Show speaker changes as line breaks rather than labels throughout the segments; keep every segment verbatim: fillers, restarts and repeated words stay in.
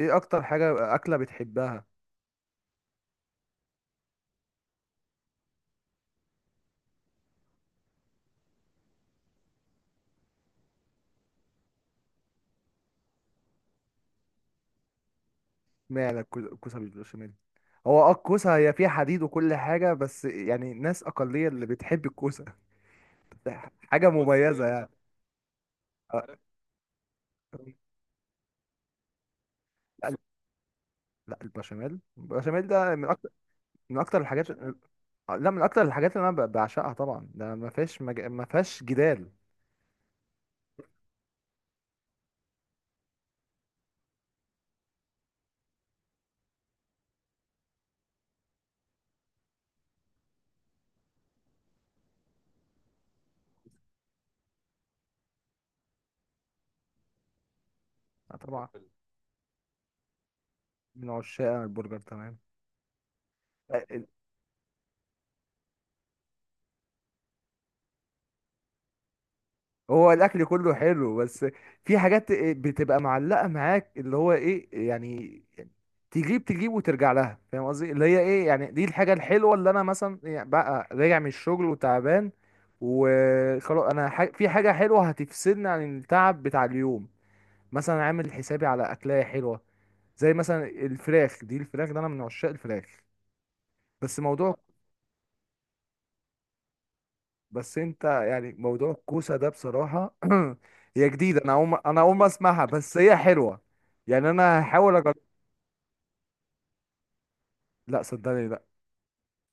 ايه اكتر حاجة اكلة بتحبها؟ معنى الكوسة بالبشاميل؟ هو اه الكوسة هي فيها حديد وكل حاجة، بس يعني ناس أقلية اللي بتحب الكوسة. حاجة بص مميزة يعني. انت، آه، عارف. لا، لا، البشاميل البشاميل ده من أكتر، من أكتر الحاجات، البشاميل. آه، لا، من أكتر الحاجات اللي أنا ب- بعشقها طبعا، ده ما فيهاش مج... ما فيهاش جدال. آه، طبعا. من عشاق البرجر، تمام. آه، هو الاكل كله حلو، بس في حاجات بتبقى معلقه معاك، اللي هو ايه يعني، تجيب تجيب وترجع لها، فاهم قصدي؟ اللي هي ايه يعني، دي الحاجه الحلوه، اللي انا مثلا يعني بقى راجع من الشغل وتعبان، وخلاص، انا ح... في حاجه حلوه هتفصلني عن التعب بتاع اليوم. مثلا عامل حسابي على اكلايه حلوه، زي مثلا الفراخ، دي الفراخ ده انا من عشاق الفراخ. بس موضوع، بس انت يعني موضوع الكوسه ده، بصراحه، هي جديده، انا اقوم انا اقوم اسمعها، بس هي حلوه. يعني انا هحاول أجرب. لا، صدقني، لا.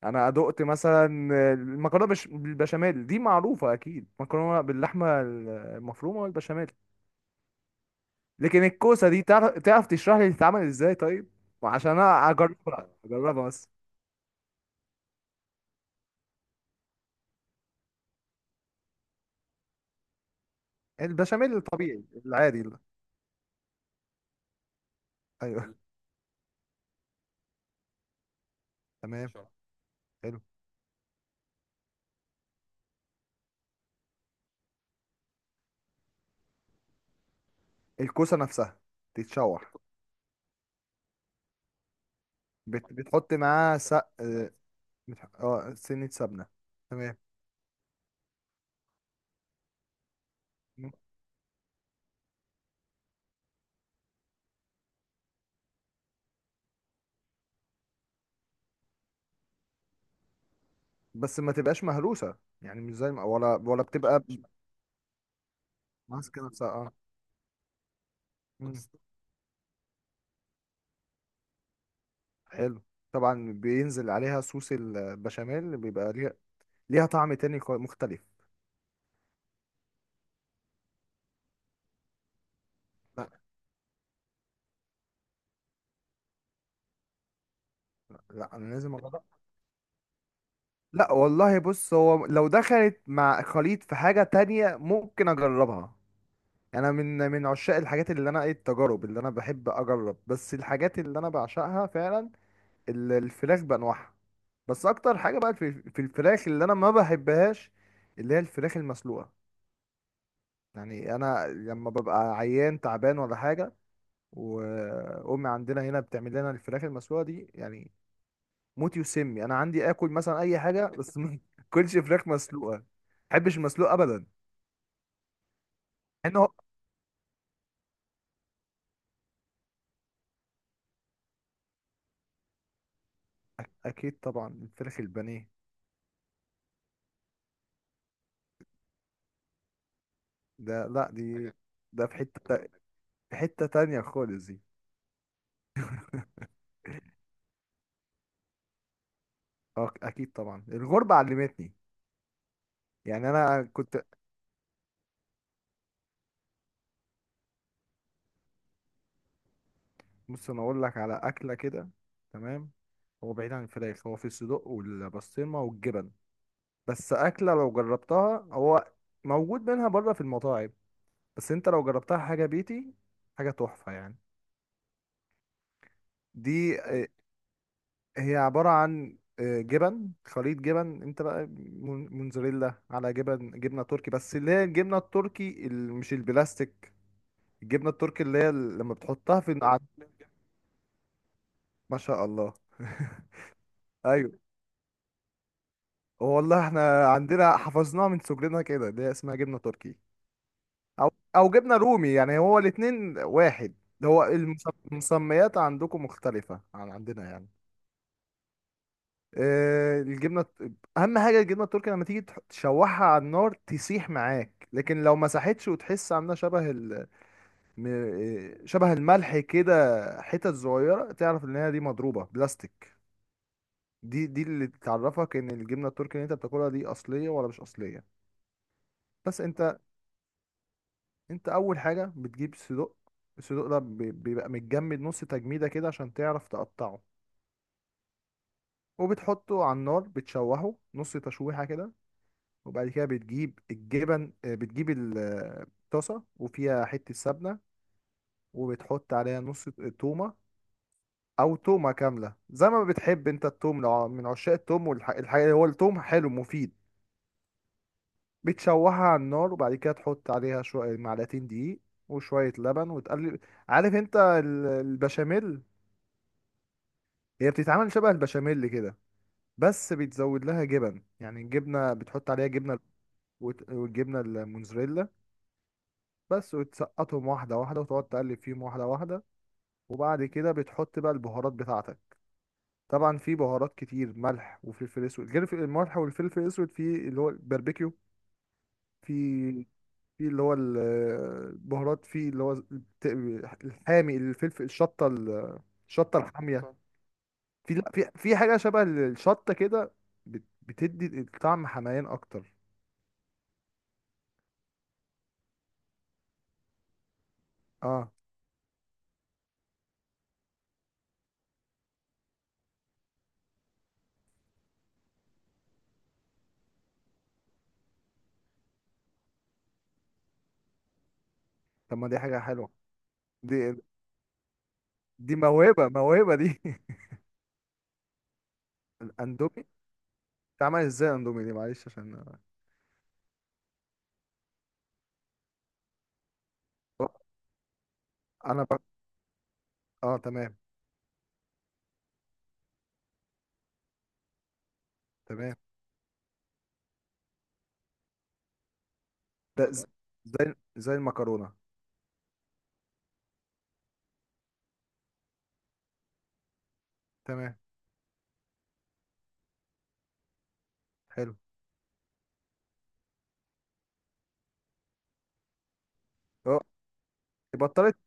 انا دقت مثلا المكرونه بش... بالبشاميل دي معروفه، اكيد مكرونه باللحمه المفرومه والبشاميل. لكن الكوسه دي، تعرف تعرف تشرح لي بتتعمل ازاي، طيب؟ عشان انا اجربها اجربها بس. البشاميل الطبيعي العادي ده. ايوه. تمام. حلو. الكوسه نفسها؟ تتشوح؟ بت... بتحط معاها سق، متح... اه، سنة سمنة. تمام. مم. بس ما تبقاش مهروسة، يعني مش زي ما ولا ولا بتبقى ماسكة نفسها، اه. مم. حلو. طبعا بينزل عليها صوص البشاميل، بيبقى ليها ليها طعم تاني كو- مختلف. لا. لا، انا لازم اجربها. لا، والله بص، هو لو دخلت مع خليط في حاجة تانية ممكن اجربها. انا من من عشاق الحاجات، اللي انا ايه، التجارب اللي انا بحب اجرب، بس الحاجات اللي انا بعشقها فعلا، ال- الفراخ بانواعها. بس اكتر حاجه بقى في في الفراخ اللي انا ما بحبهاش، اللي هي الفراخ المسلوقه. يعني انا لما ببقى عيان تعبان ولا حاجه، وامي عندنا هنا بتعمل لنا الفراخ المسلوقه دي، يعني موت يسمي، انا عندي اكل مثلا اي حاجه بس ما اكلش فراخ مسلوقه، ما بحبش المسلوق ابدا، مع انه. اكيد طبعا، الفراخ البانيه. ده، لا دي، ده في حته تا- في حته تانية خالص دي. اه، اكيد طبعا، الغربه علمتني، يعني انا كنت. بص، انا اقول لك على اكله كده، تمام. هو بعيد عن الفراخ، هو في الصدق والبسطرمه والجبن، بس اكله لو جربتها، هو موجود منها بره في المطاعم، بس انت لو جربتها، حاجه بيتي، حاجه تحفه يعني. دي، آه، هي عباره عن آه، جبن، خليط جبن، انت بقى مون- موتزاريلا على جبن، جبنه تركي، بس اللي هي الجبنه التركي، ال- مش البلاستيك. الجبنه التركي، اللي هي ال- لما بتحطها في الع-. ما شاء الله. ايوه. والله احنا عندنا حفظناها من صغرنا كده، اللي هي اسمها جبنه تركي، او، او جبنه رومي، يعني هو الاتنين واحد. هو المس-، المسميات عندكم مختلفه عن عندنا يعني. آه، الجبنه الت- اهم حاجه الجبنه التركي لما تيجي تح- تشوحها على النار تسيح معاك، لكن لو مسحتش وتحس عامله شبه ال... م- آه، شبه الملح كده، حتت صغيره، تعرف ان هي دي مضروبه بلاستيك. دي دي اللي تعرفك ان الجبنه التركي اللي انت بتاكلها دي، اصليه ولا مش اصليه. بس انت انت اول حاجه بتجيب صدوق. الصدوق ده بي- بيبقى متجمد نص تجميده كده، عشان تعرف تقطعه. وبتحطه على النار، بتشوحه نص تشويحه كده. وبعد كده بتجيب الجبن، آه، بتجيب ال- آه، الطاسه وفيها حته سمنه، وبتحط عليها نص تومه، او تومه كامله زي ما بتحب انت التوم، لو ع- من عشاق التوم والحاجه، هو التوم حلو مفيد. بتشوحها على النار، وبعد كده تحط عليها شويه، معلقتين دقيق وشويه لبن، وتقلب. عارف انت ال- البشاميل؟ هي بتتعمل شبه البشاميل كده، بس بيتزود لها جبن، يعني الجبنة، بتحط عليها جبنة، وت- والجبنة الموزاريلا بس، وتسقطهم واحدة واحدة، وتقعد تقلب فيهم واحدة واحدة. وبعد كده بتحط بقى البهارات بتاعتك. طبعا في بهارات كتير، ملح وفلفل اسود، غير في- الملح والفلفل الاسود، في اللي هو الباربيكيو، في في اللي هو ال- البهارات، في اللي هو الت- الحامي، الفلفل، الشطة ال- الشطة الحامية. في، لا، في في حاجه شبه الشطه كده، بت- بتدي الطعم حمايان اكتر. اه، طب ما دي حاجه حلوه، دي دي موهبه موهبه دي. الاندومي، اتعمل ازاي الاندومي دي؟ معلش، عشان انا ب... اه، تمام، تمام، ده ز- زي زي المكرونه. تمام. حلو. اه، بطلت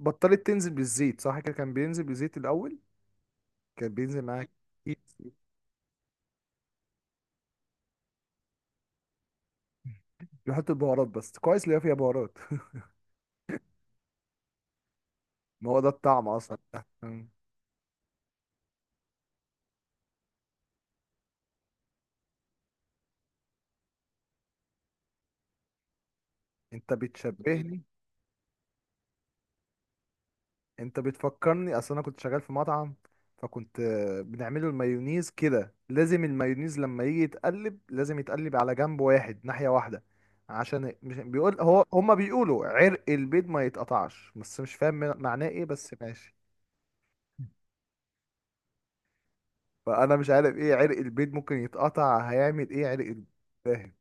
بطلت تنزل بالزيت، صح كده؟ كان بينزل بالزيت الاول، كان بينزل معاك كتير. بيحط البهارات بس، كويس اللي هي فيها بهارات. ما هو ده الطعم اصلا. مم. انت بتشبهني، انت بتفكرني، اصل انا كنت شغال في مطعم، فكنت آه، بنعمله المايونيز كده، لازم المايونيز لما يجي يتقلب لازم يتقلب على جنب واحد، ناحية واحدة، عشان مش بيقول هو، هما بيقولوا عرق البيض ما يتقطعش، بس مش فاهم من- معناه ايه، بس ماشي. فانا مش عارف ايه عرق البيض، ممكن يتقطع هيعمل ايه عرق البيض؟ فاهم؟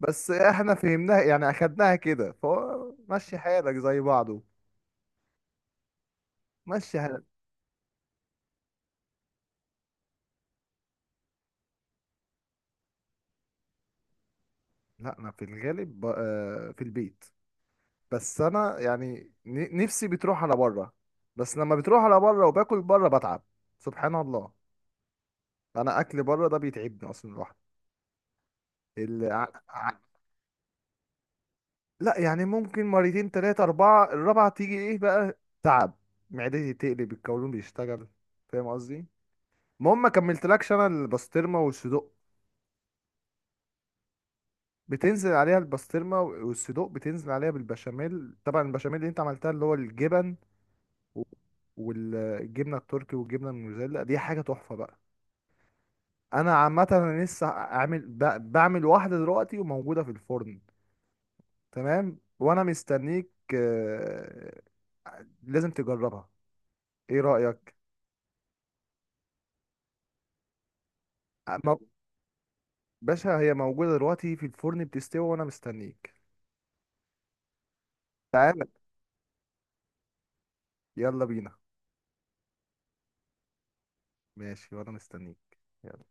بس احنا فهمناها يعني، اخدناها كده، فهو مشي حالك زي بعضه. مشي حالك. لا، انا في الغالب ب- آه، في البيت، بس انا يعني ن- نفسي بتروح على بره، بس لما بتروح على بره وباكل بره، بتعب. سبحان الله، انا اكل بره ده بيتعبني اصلا، الواحد ال... ع... ع... لا، يعني ممكن مرتين، تلاتة، اربعة، الرابعة تيجي ايه بقى، تعب، معدتي تقلب، القولون بيشتغل، فاهم قصدي؟ المهم ما كملتلكش انا البسطرمة والصدوق، بتنزل عليها البسطرمة والصدوق، بتنزل عليها بالبشاميل، طبعا البشاميل اللي انت عملتها، اللي هو الجبن، و- والجبنه التركي والجبنه الموزاريلا، دي حاجه تحفه بقى. انا عامه، انا لسه اعمل ب- بعمل واحده دلوقتي وموجوده في الفرن، تمام، وانا مستنيك، آه، لازم تجربها. ايه رايك؟ آه، مو- باشا، هي موجوده دلوقتي في الفرن بتستوي، وانا مستنيك. تعال. يلا بينا. ماشي، وانا مستنيك. يلا.